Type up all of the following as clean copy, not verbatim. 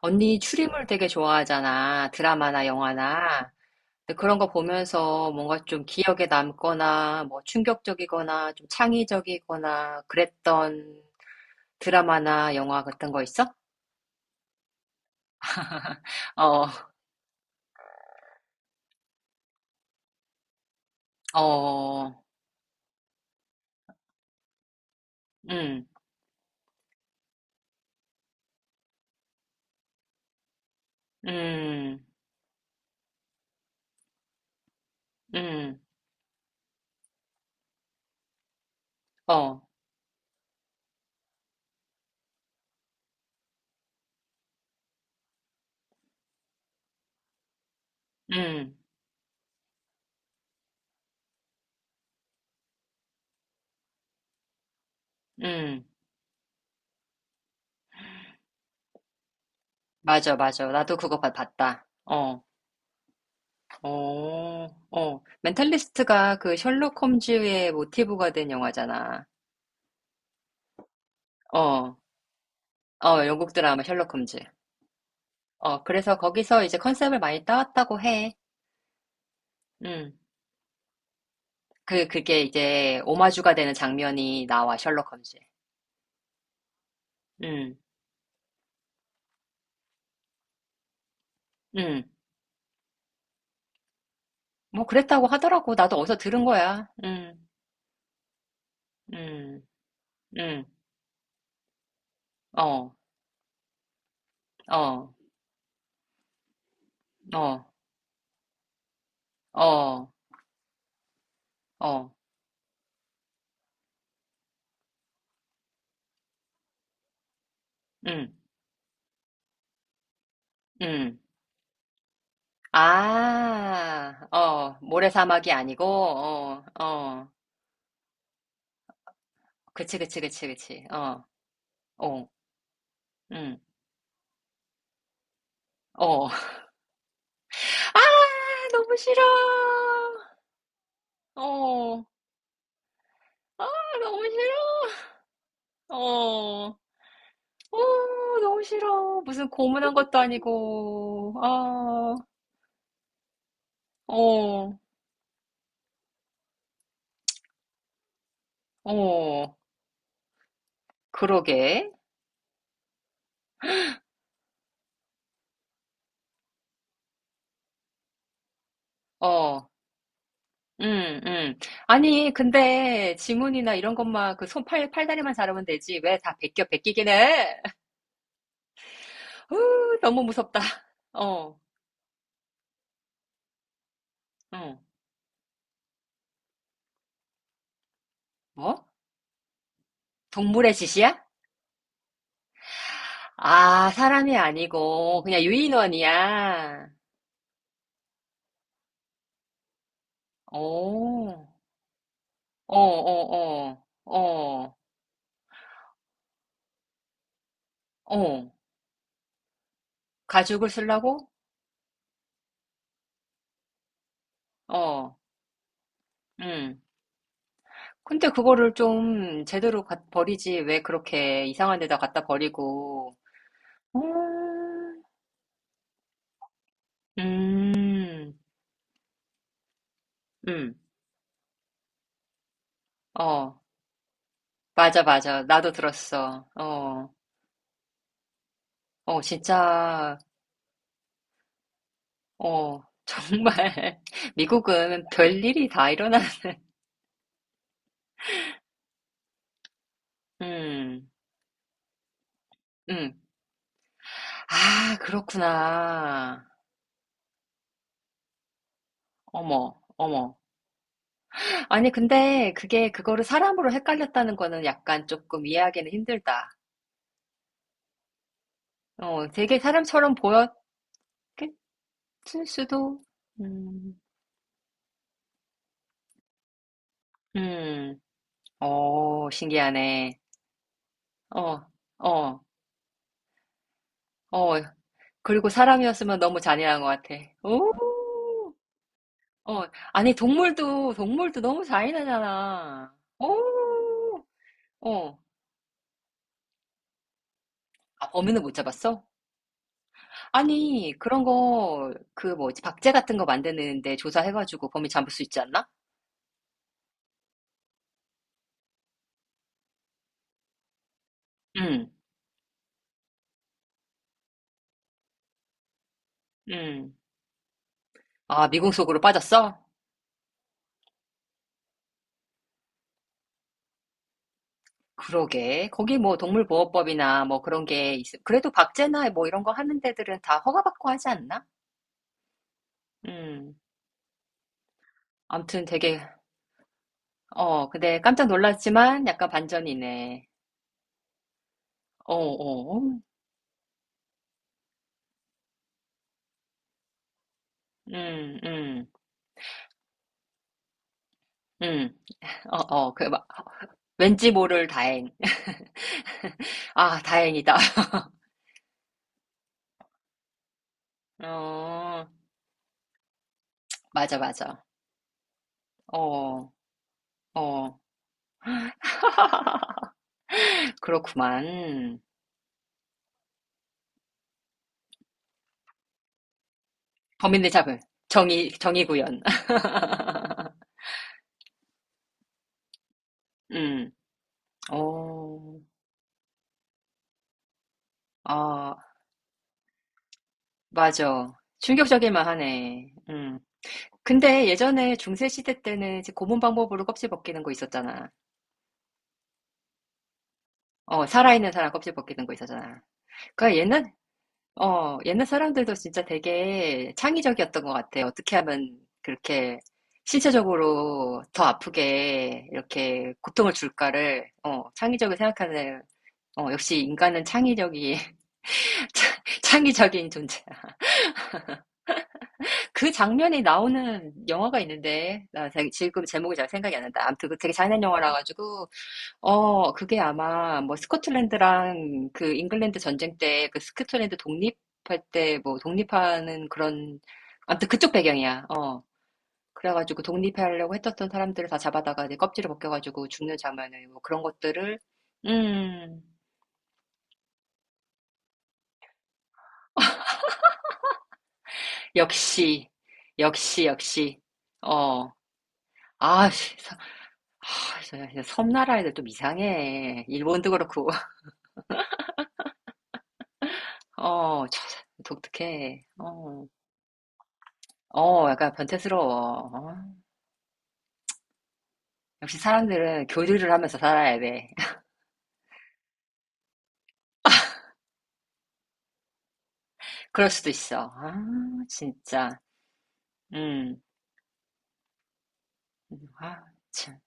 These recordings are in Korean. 언니 추리물 되게 좋아하잖아. 드라마나 영화나. 근데 그런 거 보면서 뭔가 좀 기억에 남거나 뭐 충격적이거나 좀 창의적이거나 그랬던 드라마나 영화 같은 거 있어? 어, 어, 음, 음, 음, 어, 음, 음. 맞아, 맞아. 나도 그거 봤다. 어, 어, 어. 멘탈리스트가 그 셜록 홈즈의 모티브가 된 영화잖아. 어, 어, 영국 드라마 셜록 홈즈. 어, 그래서 거기서 이제 컨셉을 많이 따왔다고 해. 음. 그게 이제 오마주가 되는 장면이 나와, 셜록 홈즈에. 음, 음. 뭐 그랬다고 하더라고. 나도 어디서 들은 거야. 음, 음. 어, 어, 어, 어, 어, 음, 음. 아, 어, 모래사막이 아니고, 어, 어. 그치, 그치, 그치, 그치. 어, 어, 음, 어. 아, 너무 싫어. 어. 아, 너무 싫어. 어, 어, 너무 싫어. 무슨 고문한 것도 아니고. 아, 어, 어, 그러게. 어, 음, 음. 아니, 근데 지문이나 이런 것만 그 손, 팔, 팔다리만 잘하면 되지. 왜 다 베껴 베끼긴 해? 후, 너무 무섭다. 어, 응. 뭐? 동물의 짓이야? 아, 사람이 아니고 그냥 유인원이야. 오, 어, 어, 어. 어, 어, 가죽을 쓰려고? 어, 음. 근데 그거를 좀 제대로 버리지. 왜 그렇게 이상한 데다 갖다 버리고. 음, 음, 음. 어, 맞아, 맞아. 나도 들었어. 어, 어, 진짜, 어, 정말. 미국은 별일이 다 일어나는, 음, 음. 아, 그렇구나. 어머, 어머. 아니, 근데 그게 그거를 사람으로 헷갈렸다는 거는 약간 조금 이해하기는 힘들다. 어, 되게 사람처럼 보였을 수도. 음, 음, 어, 신기하네. 어, 어, 어. 그리고 사람이었으면 너무 잔인한 것 같아. 오, 어, 아니, 동물도, 동물도 너무 잔인하잖아. 오, 어. 아, 범인은 못 잡았어? 아니, 그런 거, 그 뭐지, 박제 같은 거 만드는데 조사해가지고 범인 잡을 수 있지 않나? 음, 음. 아, 미궁 속으로 빠졌어? 그러게. 거기 뭐 동물보호법이나 뭐 그런 게 있, 그래도 박제나 뭐 이런 거 하는 데들은 다 허가받고 하지 않나? 음. 아무튼 되게, 어, 근데 깜짝 놀랐지만 약간 반전이네. 어, 어, 음, 음, 음. 어, 어, 그, 막 왠지 모를 다행. 아, 다행이다. 어, 맞아, 맞아. 어, 어. 그렇구만. 범인을 잡을. 정의, 정의 구현. 음. 어. 아, 맞아. 충격적일 만하네. 음. 근데 예전에 중세 시대 때는 이제 고문 방법으로 껍질 벗기는 거 있었잖아. 어, 살아있는 사람 껍질 벗기는 거 있었잖아. 그러니까 옛날 어, 옛날 사람들도 진짜 되게 창의적이었던 것 같아. 어떻게 하면 그렇게 신체적으로 더 아프게 이렇게 고통을 줄까를 어, 창의적으로 생각하는 어, 역시 인간은 창의적이 창의적인 존재. 그 장면이 나오는 영화가 있는데, 나 지금 제목이 잘 생각이 안 난다. 아무튼 그 되게 잔인한 영화라 가지고, 어, 그게 아마 뭐 스코틀랜드랑 그 잉글랜드 전쟁 때 그 스코틀랜드 독립할 때 뭐 독립하는 그런, 아무튼 그쪽 배경이야. 어. 그래가지고 독립하려고 했었던 사람들을 다 잡아다가 이제 껍질을 벗겨가지고 죽는 장면을 뭐 그런 것들을, 음, 역시, 역시, 역시, 어, 아, 씨, 하, 진짜 진짜 섬나라 애들 좀 이상해. 일본도 그렇고. 어, 참 독특해. 어, 어, 약간 변태스러워. 어. 역시 사람들은 교류를 하면서 살아야 돼. 그럴 수도 있어. 아, 진짜. 음, 아, 참.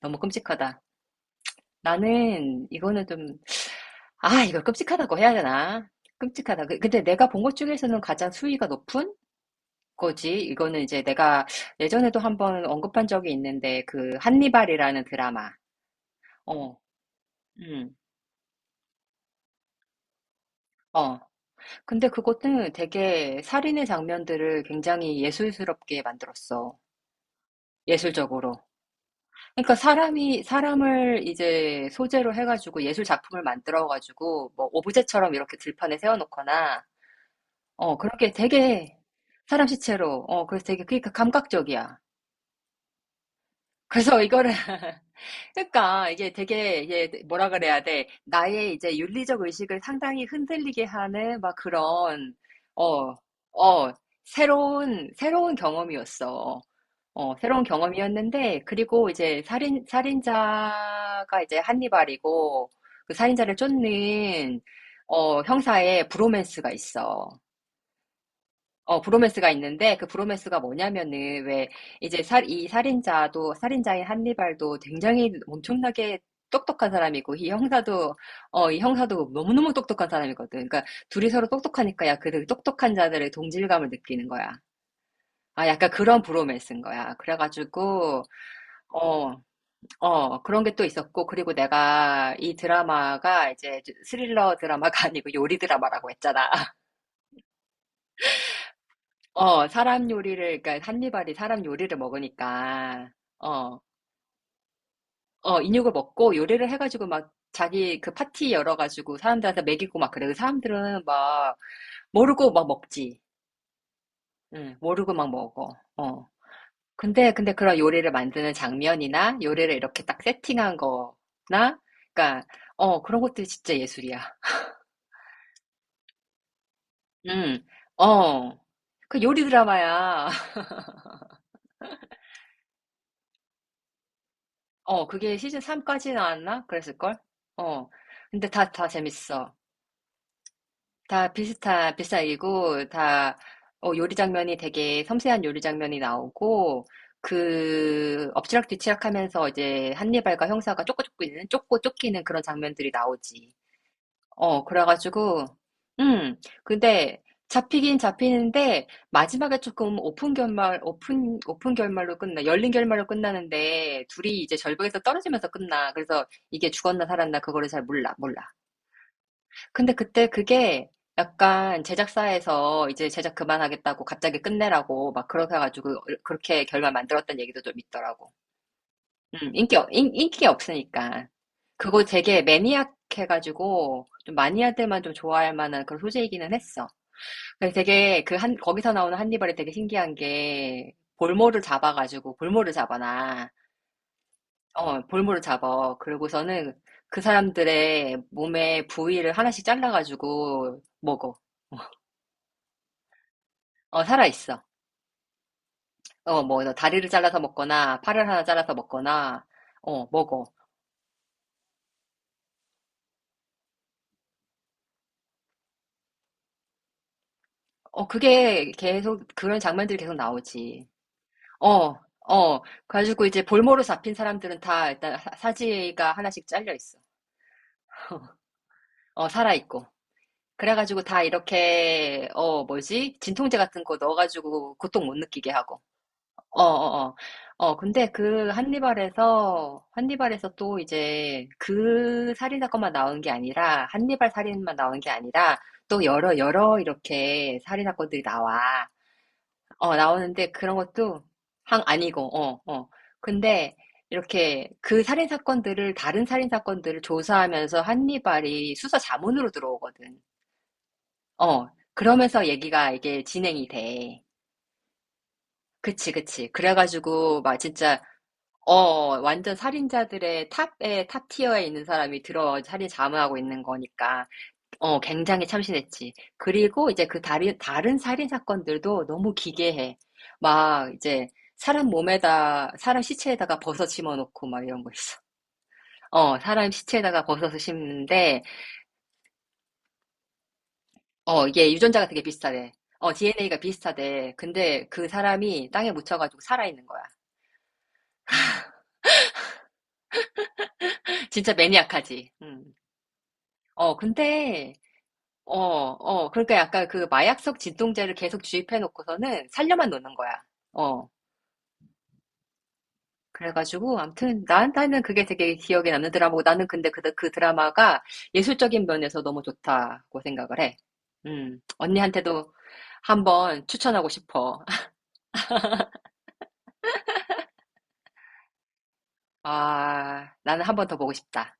너무 끔찍하다. 나는 이거는 좀, 아, 이걸 끔찍하다고 해야 되나? 끔찍하다. 근데 내가 본 것 중에서는 가장 수위가 높은 거지. 이거는 이제 내가 예전에도 한번 언급한 적이 있는데, 그, 한니발이라는 드라마. 어, 음. 어. 근데 그것도 되게 살인의 장면들을 굉장히 예술스럽게 만들었어. 예술적으로. 그러니까 사람이, 사람을 이제 소재로 해가지고 예술 작품을 만들어가지고 뭐 오브제처럼 이렇게 들판에 세워놓거나, 어, 그렇게 되게 사람 시체로, 어, 그래서 되게, 그러니까 감각적이야. 그래서 이거를 그러니까 이게 되게 이게 뭐라 그래야 돼 나의 이제 윤리적 의식을 상당히 흔들리게 하는 막 그런 어 어, 새로운 경험이었어. 어, 새로운 경험이었는데, 그리고 이제 살인자가 이제 한니발이고, 그 살인자를 쫓는, 어, 형사의 브로맨스가 있어. 어, 브로맨스가 있는데 그 브로맨스가 뭐냐면은 왜 이제 이 살인자도 살인자인 한니발도 굉장히 엄청나게 똑똑한 사람이고 이 형사도 어, 이 형사도 너무너무 똑똑한 사람이거든. 그러니까 둘이 서로 똑똑하니까 야, 그 똑똑한 자들의 동질감을 느끼는 거야. 아, 약간 그런 브로맨스인 거야. 그래가지고 어, 어, 그런 게 또 있었고 그리고 내가 이 드라마가 이제 스릴러 드라마가 아니고 요리 드라마라고 했잖아. 어, 사람 요리를, 그러니까 한니발이 사람 요리를 먹으니까, 어, 어, 인육을 먹고 요리를 해가지고 막 자기 그 파티 열어가지고 사람들한테 먹이고 막 그래. 그 사람들은 막 모르고 막 먹지. 응, 모르고 막 먹어. 어. 근데, 근데 그런 요리를 만드는 장면이나 요리를 이렇게 딱 세팅한 거나, 그러니까, 어, 그런 것들이 진짜 예술이야. 응, 어. 그 요리 드라마야. 어, 그게 시즌 3까지 나왔나? 그랬을걸? 어. 근데 다 재밌어. 다 비슷한 얘기고, 다, 어, 요리 장면이 되게 섬세한 요리 장면이 나오고, 그, 엎치락뒤치락 하면서 이제 한니발과 형사가 쫓고 쫓고 있는, 쫓고 쫓기는 그런 장면들이 나오지. 어, 그래가지고, 음, 근데 잡히긴 잡히는데, 마지막에 조금 오픈 결말, 오픈 결말로 끝나, 열린 결말로 끝나는데, 둘이 이제 절벽에서 떨어지면서 끝나. 그래서 이게 죽었나 살았나, 그거를 잘 몰라, 몰라. 근데 그때 그게 약간 제작사에서 이제 제작 그만하겠다고 갑자기 끝내라고 막 그렇게 해가지고, 어, 그렇게 결말 만들었던 얘기도 좀 있더라고. 인기가 없으니까. 그거 되게 매니악해가지고, 좀 마니아들만 좀 좋아할 만한 그런 소재이기는 했어. 근데 되게 그 한, 거기서 나오는 한니발이 되게 신기한 게, 볼모를 잡아가지고, 볼모를 잡아놔. 어, 볼모를 잡아. 그러고서는 그 사람들의 몸의 부위를 하나씩 잘라가지고 먹어. 어, 살아있어. 어, 뭐, 다리를 잘라서 먹거나, 팔을 하나 잘라서 먹거나, 어, 먹어. 어, 그게 계속, 그런 장면들이 계속 나오지. 어, 어. 가지고 이제 볼모로 잡힌 사람들은 다 일단 사지가 하나씩 잘려 있어. 어, 살아 있고. 그래가지고 다 이렇게 어 뭐지? 진통제 같은 거 넣어가지고 고통 못 느끼게 하고. 어, 어, 어. 어, 근데 그 한니발에서 또 이제 그 살인 사건만 나온 게 아니라 한니발 살인만 나온 게 아니라 또 여러 이렇게 살인 사건들이 나와. 어, 나오는데 그런 것도 항 아니고, 어, 어. 근데 이렇게 그 살인 사건들을, 다른 살인 사건들을 조사하면서 한니발이 수사 자문으로 들어오거든. 어, 그러면서 얘기가 이게 진행이 돼. 그치, 그치. 그래가지고, 막 진짜, 어, 완전 살인자들의 탑 티어에 있는 사람이 들어와 살인 자문하고 있는 거니까. 어, 굉장히 참신했지. 그리고 이제 그 다른 살인 사건들도 너무 기괴해. 막 이제 사람 시체에다가 버섯 심어놓고 막 이런 거 있어. 어, 사람 시체에다가 버섯을 심는데, 어, 이게 유전자가 되게 비슷하대. 어, DNA가 비슷하대. 근데 그 사람이 땅에 묻혀가지고 살아있는 거야. 진짜 매니악하지. 음. 어, 근데, 어, 어, 그러니까 약간 그 마약성 진통제를 계속 주입해놓고서는 살려만 놓는 거야. 어. 그래가지고 아무튼 나한테는 그게 되게 기억에 남는 드라마고 나는 근데 그, 그 드라마가 예술적인 면에서 너무 좋다고 생각을 해. 언니한테도 한번 추천하고 싶어. 아, 나는 한번 더 보고 싶다.